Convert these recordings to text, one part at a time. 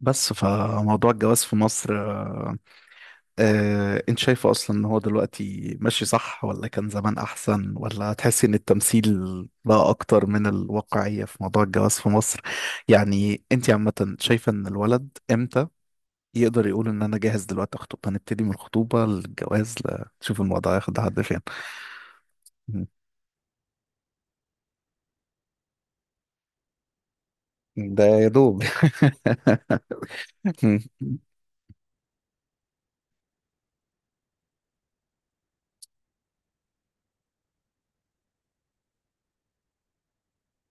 بس فموضوع الجواز في مصر انت شايفه اصلا ان هو دلوقتي ماشي صح ولا كان زمان احسن ولا تحسي ان التمثيل بقى اكتر من الواقعية في موضوع الجواز في مصر؟ يعني انت عامة شايفة ان الولد امتى يقدر يقول ان انا جاهز دلوقتي اخطب؟ هنبتدي من الخطوبة للجواز لتشوف الموضوع هياخد لحد فين. مم. ده يا دوب.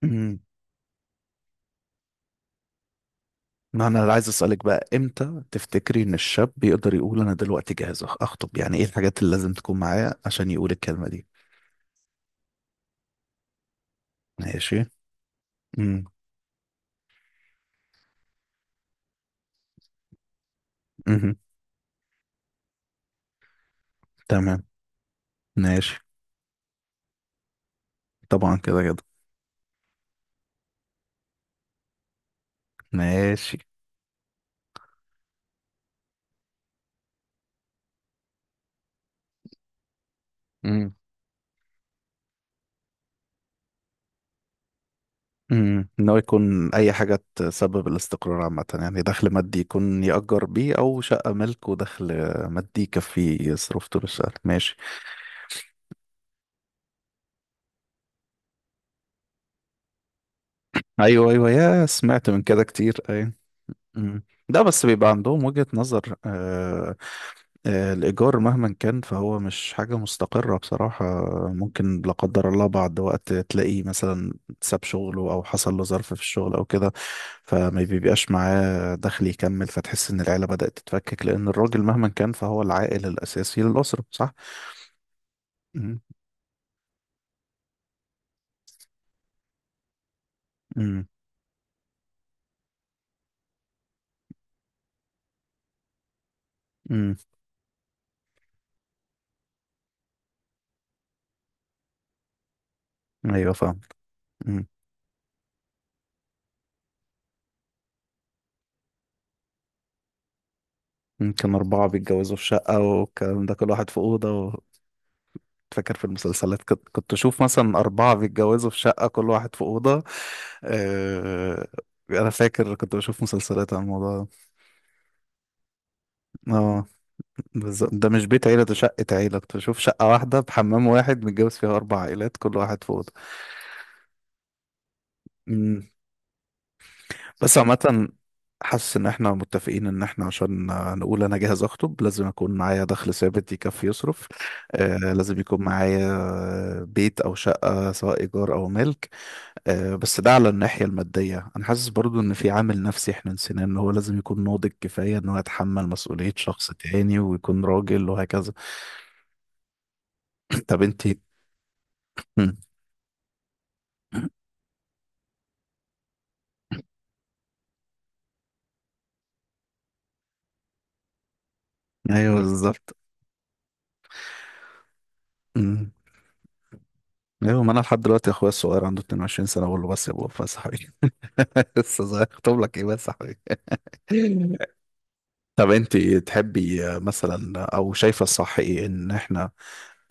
مم. ما انا عايز اسالك بقى، امتى تفتكري ان الشاب بيقدر يقول انا دلوقتي جاهز اخطب؟ يعني ايه الحاجات اللي لازم تكون معاه عشان يقول الكلمه دي؟ ماشي. امم. امم. تمام. ماشي. طبعا كده كده. ماشي. امم. امم. ان هو يكون اي حاجه تسبب الاستقرار عامه، يعني دخل مادي يكون يأجر بيه او شقه ملك، ودخل مادي يكفيه يصرف طول الشهر. ماشي. ايوه ايوه، يا سمعت من كده كتير، أيوه. مم. لا بس بيبقى عندهم وجهة نظر. آه آه الإيجار مهما كان فهو مش حاجة مستقرة بصراحة. ممكن لا قدر الله بعد وقت تلاقيه مثلا ساب شغله أو حصل له ظرف في الشغل أو كده، فما بيبقاش معاه دخل يكمل، فتحس إن العيلة بدأت تتفكك، لأن الراجل مهما كان فهو العائل الأساسي للأسرة، صح؟ مم. مم. مم. أيوه فاهم. مم. مم. كان أربعة بيتجوزوا في شقة والكلام ده، كل واحد في أوضة. فاكر في المسلسلات كنت اشوف مثلا اربعه بيتجوزوا في شقه، كل واحد في اوضه. آه، انا فاكر كنت بشوف مسلسلات عن الموضوع ده. اه بالظبط، ده مش بيت عيله، ده شقه عيله، كنت بشوف شقه واحده بحمام واحد متجوز فيها اربع عائلات، كل واحد في اوضه. مم. بس عامه حاسس ان احنا متفقين ان احنا عشان نقول انا جاهز اخطب لازم اكون معايا دخل ثابت يكفي يصرف. آه لازم يكون معايا بيت او شقة سواء ايجار او ملك. آه، بس ده على الناحية المادية، أنا حاسس برضو إن في عامل نفسي إحنا نسيناه، إن هو لازم يكون ناضج كفاية إن هو يتحمل مسؤولية شخص تاني ويكون راجل وهكذا. طب أنتي؟ مم. أيوه بالظبط. مم. أيوه ما أنا لحد دلوقتي أخويا الصغير عنده 22 سنة، بقول له بس يا بابا، بس يا حبيبي، لسه صغير، أخطب لك إيه بس يا حبيبي. طب أنتي تحبي آه، مثلا، أو شايفة الصح إيه؟ إن إحنا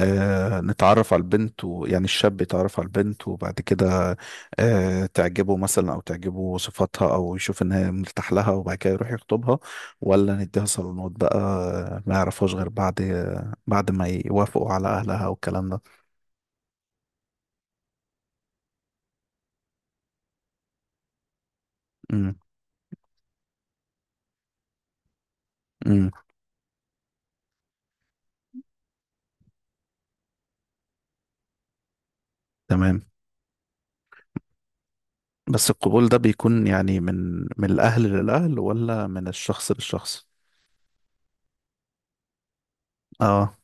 آه نتعرف على البنت، ويعني الشاب يتعرف على البنت وبعد كده آه تعجبه مثلا او تعجبه صفاتها او يشوف انها مرتاح لها وبعد كده يروح يخطبها؟ ولا نديها صالونات بقى، آه، ما يعرفهاش غير بعد آه، بعد ما يوافقوا على اهلها والكلام ده؟ امم. امم. تمام. بس القبول ده بيكون يعني من الاهل للاهل، ولا من الشخص للشخص؟ اه.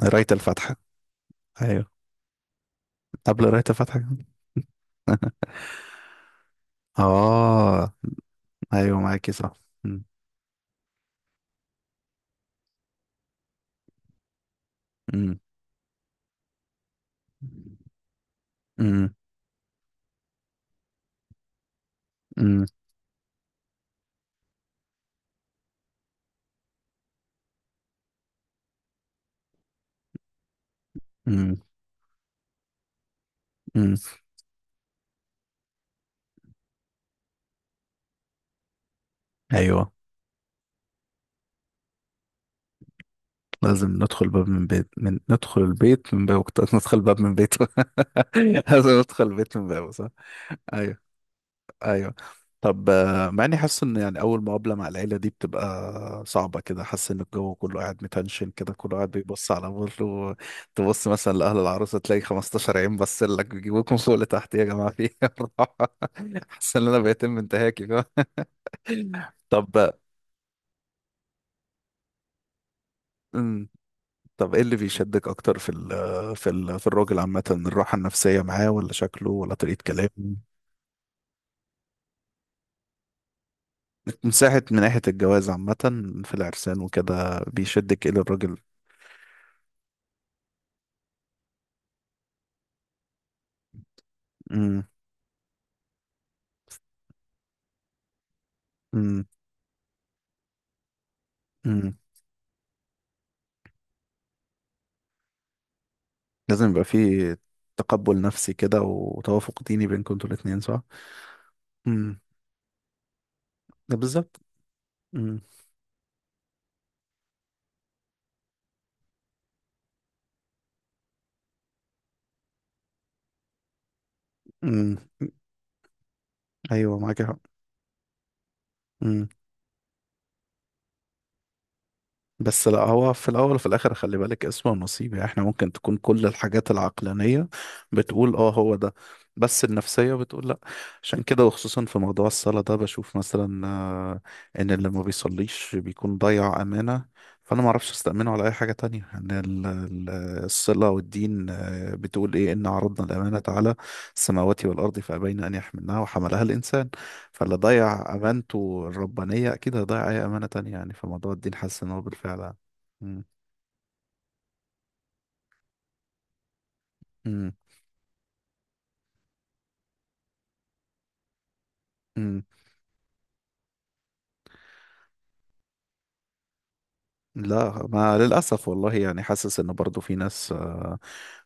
قراية الفاتحة؟ ايوه. قبل قراية الفاتحة كمان. اه. ايوه معاكي صح. امم. امم. امم. امم. امم. امم. ايوه لازم ندخل باب من بيت، من ندخل البيت من بابه، كنت ندخل باب من بيته. لازم ندخل البيت من بابه، صح. ايوه. ايوه. طب، آه، مع اني حاسس ان يعني اول مقابله مع العيله دي بتبقى صعبه كده، حاسس ان الجو كله قاعد متنشن كده، كله قاعد بيبص على بره. تبص مثلا لاهل العروسه تلاقي 15 عين بس لك بيجيبوكم فوق لتحت، يا جماعه في إيه؟ حاسس ان انا بيتم انتهاكي. فاهم. طب طب ايه اللي بيشدك اكتر في ال في الراجل عامة؟ الراحة النفسية معاه، ولا شكله، ولا طريقة كلامه؟ من ساعة من ناحية الجواز عامة، في العرسان وكده بيشدك ايه للراجل؟ امم. امم. امم. لازم يبقى فيه تقبل نفسي كده، وتوافق ديني بينكم انتوا الاتنين، صح؟ امم. ده بالظبط. امم. امم. ايوه معاك حق. بس لا، هو في الاول وفي الاخر خلي بالك اسمه نصيب، يعني احنا ممكن تكون كل الحاجات العقلانيه بتقول اه هو ده، بس النفسيه بتقول لا. عشان كده، وخصوصا في موضوع الصلاه ده، بشوف مثلا آه، ان اللي ما بيصليش بيكون ضيع امانه، فانا ما اعرفش استامنه على اي حاجه تانية، ان الصله والدين آه، بتقول ايه، ان عرضنا الامانه على السماوات والارض فابين ان يحملنها وحملها الانسان، فاللي ضيع امانته الربانيه اكيد هيضيع اي امانه تانية، يعني فموضوع الدين حاسس ان هو بالفعل يعني. مم. مم. مم. لا ما للأسف والله، يعني حاسس إن برضو في ناس آه،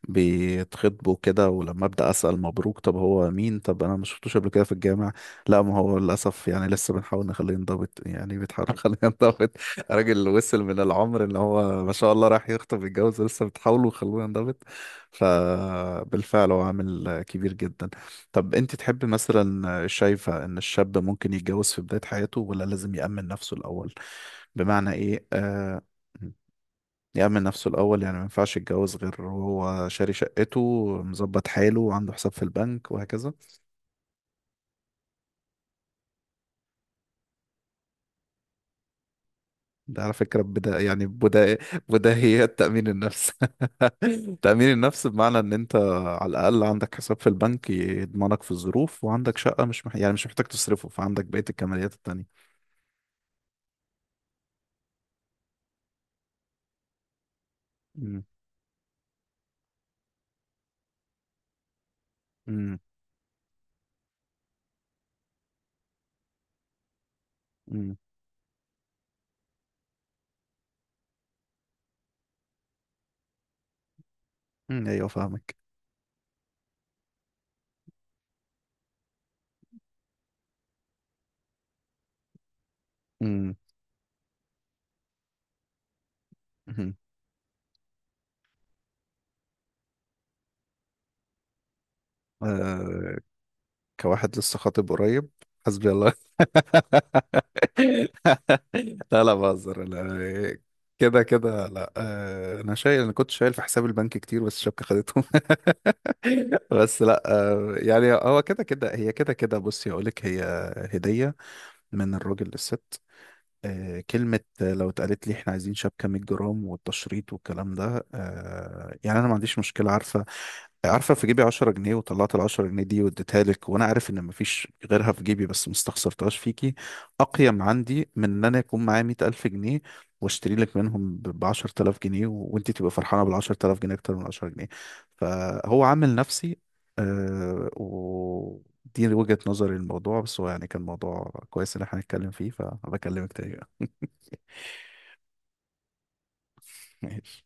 بيتخطبوا كده، ولما أبدأ أسأل مبروك طب هو مين، طب أنا ما شفتوش قبل كده في الجامع. لا ما هو للأسف يعني لسه بنحاول نخليه ينضبط، يعني بتحاول نخليه ينضبط. راجل وصل من العمر إن هو ما شاء الله راح يخطب يتجوز، لسه بتحاولوا تخلوه ينضبط. فبالفعل هو عامل كبير جدا. طب أنت تحبي مثلا، شايفة إن الشاب ممكن يتجوز في بداية حياته، ولا لازم يأمن نفسه الأول؟ بمعنى ايه، آه، يأمن نفسه الأول؟ يعني ما ينفعش يتجوز غير وهو شاري شقته، مظبط حاله، وعنده حساب في البنك وهكذا؟ ده على فكرة بدا بداهيات تأمين النفس. تأمين النفس بمعنى إن أنت على الأقل عندك حساب في البنك يضمنك في الظروف، وعندك شقة، مش مح... يعني مش محتاج تصرفه، فعندك بقية الكماليات التانية. مم. مم. مم. مم. أيوه فاهمك. مم. مم. آه كواحد لسه خاطب قريب، حسبي الله. لا لا بهزر، لا. كده كده لا، آه، انا شايل، انا كنت شايل في حساب البنك كتير بس الشبكه خدتهم. بس لا، آه، يعني هو كده كده، هي كده كده، بصي اقول لك، هي هديه من الراجل للست. آه، كلمة، آه، لو اتقالت لي احنا عايزين شبكة 100 جرام والتشريط والكلام ده، آه، يعني انا ما عنديش مشكلة. عارفة عارفة، في جيبي 10 جنيه وطلعت ال 10 جنيه دي واديتها لك وانا عارف ان مفيش غيرها في جيبي بس ما استخسرتهاش فيكي، اقيم عندي من ان انا يكون معايا 100000 جنيه واشتري لك منهم ب 10,000 جنيه، وانت تبقى فرحانة بال 10,000 جنيه اكتر من 10 جنيه. فهو عامل نفسي. آه، دي وجهة نظري للموضوع، بس هو يعني كان موضوع كويس ان احنا نتكلم فيه، فبكلمك تاني بقى.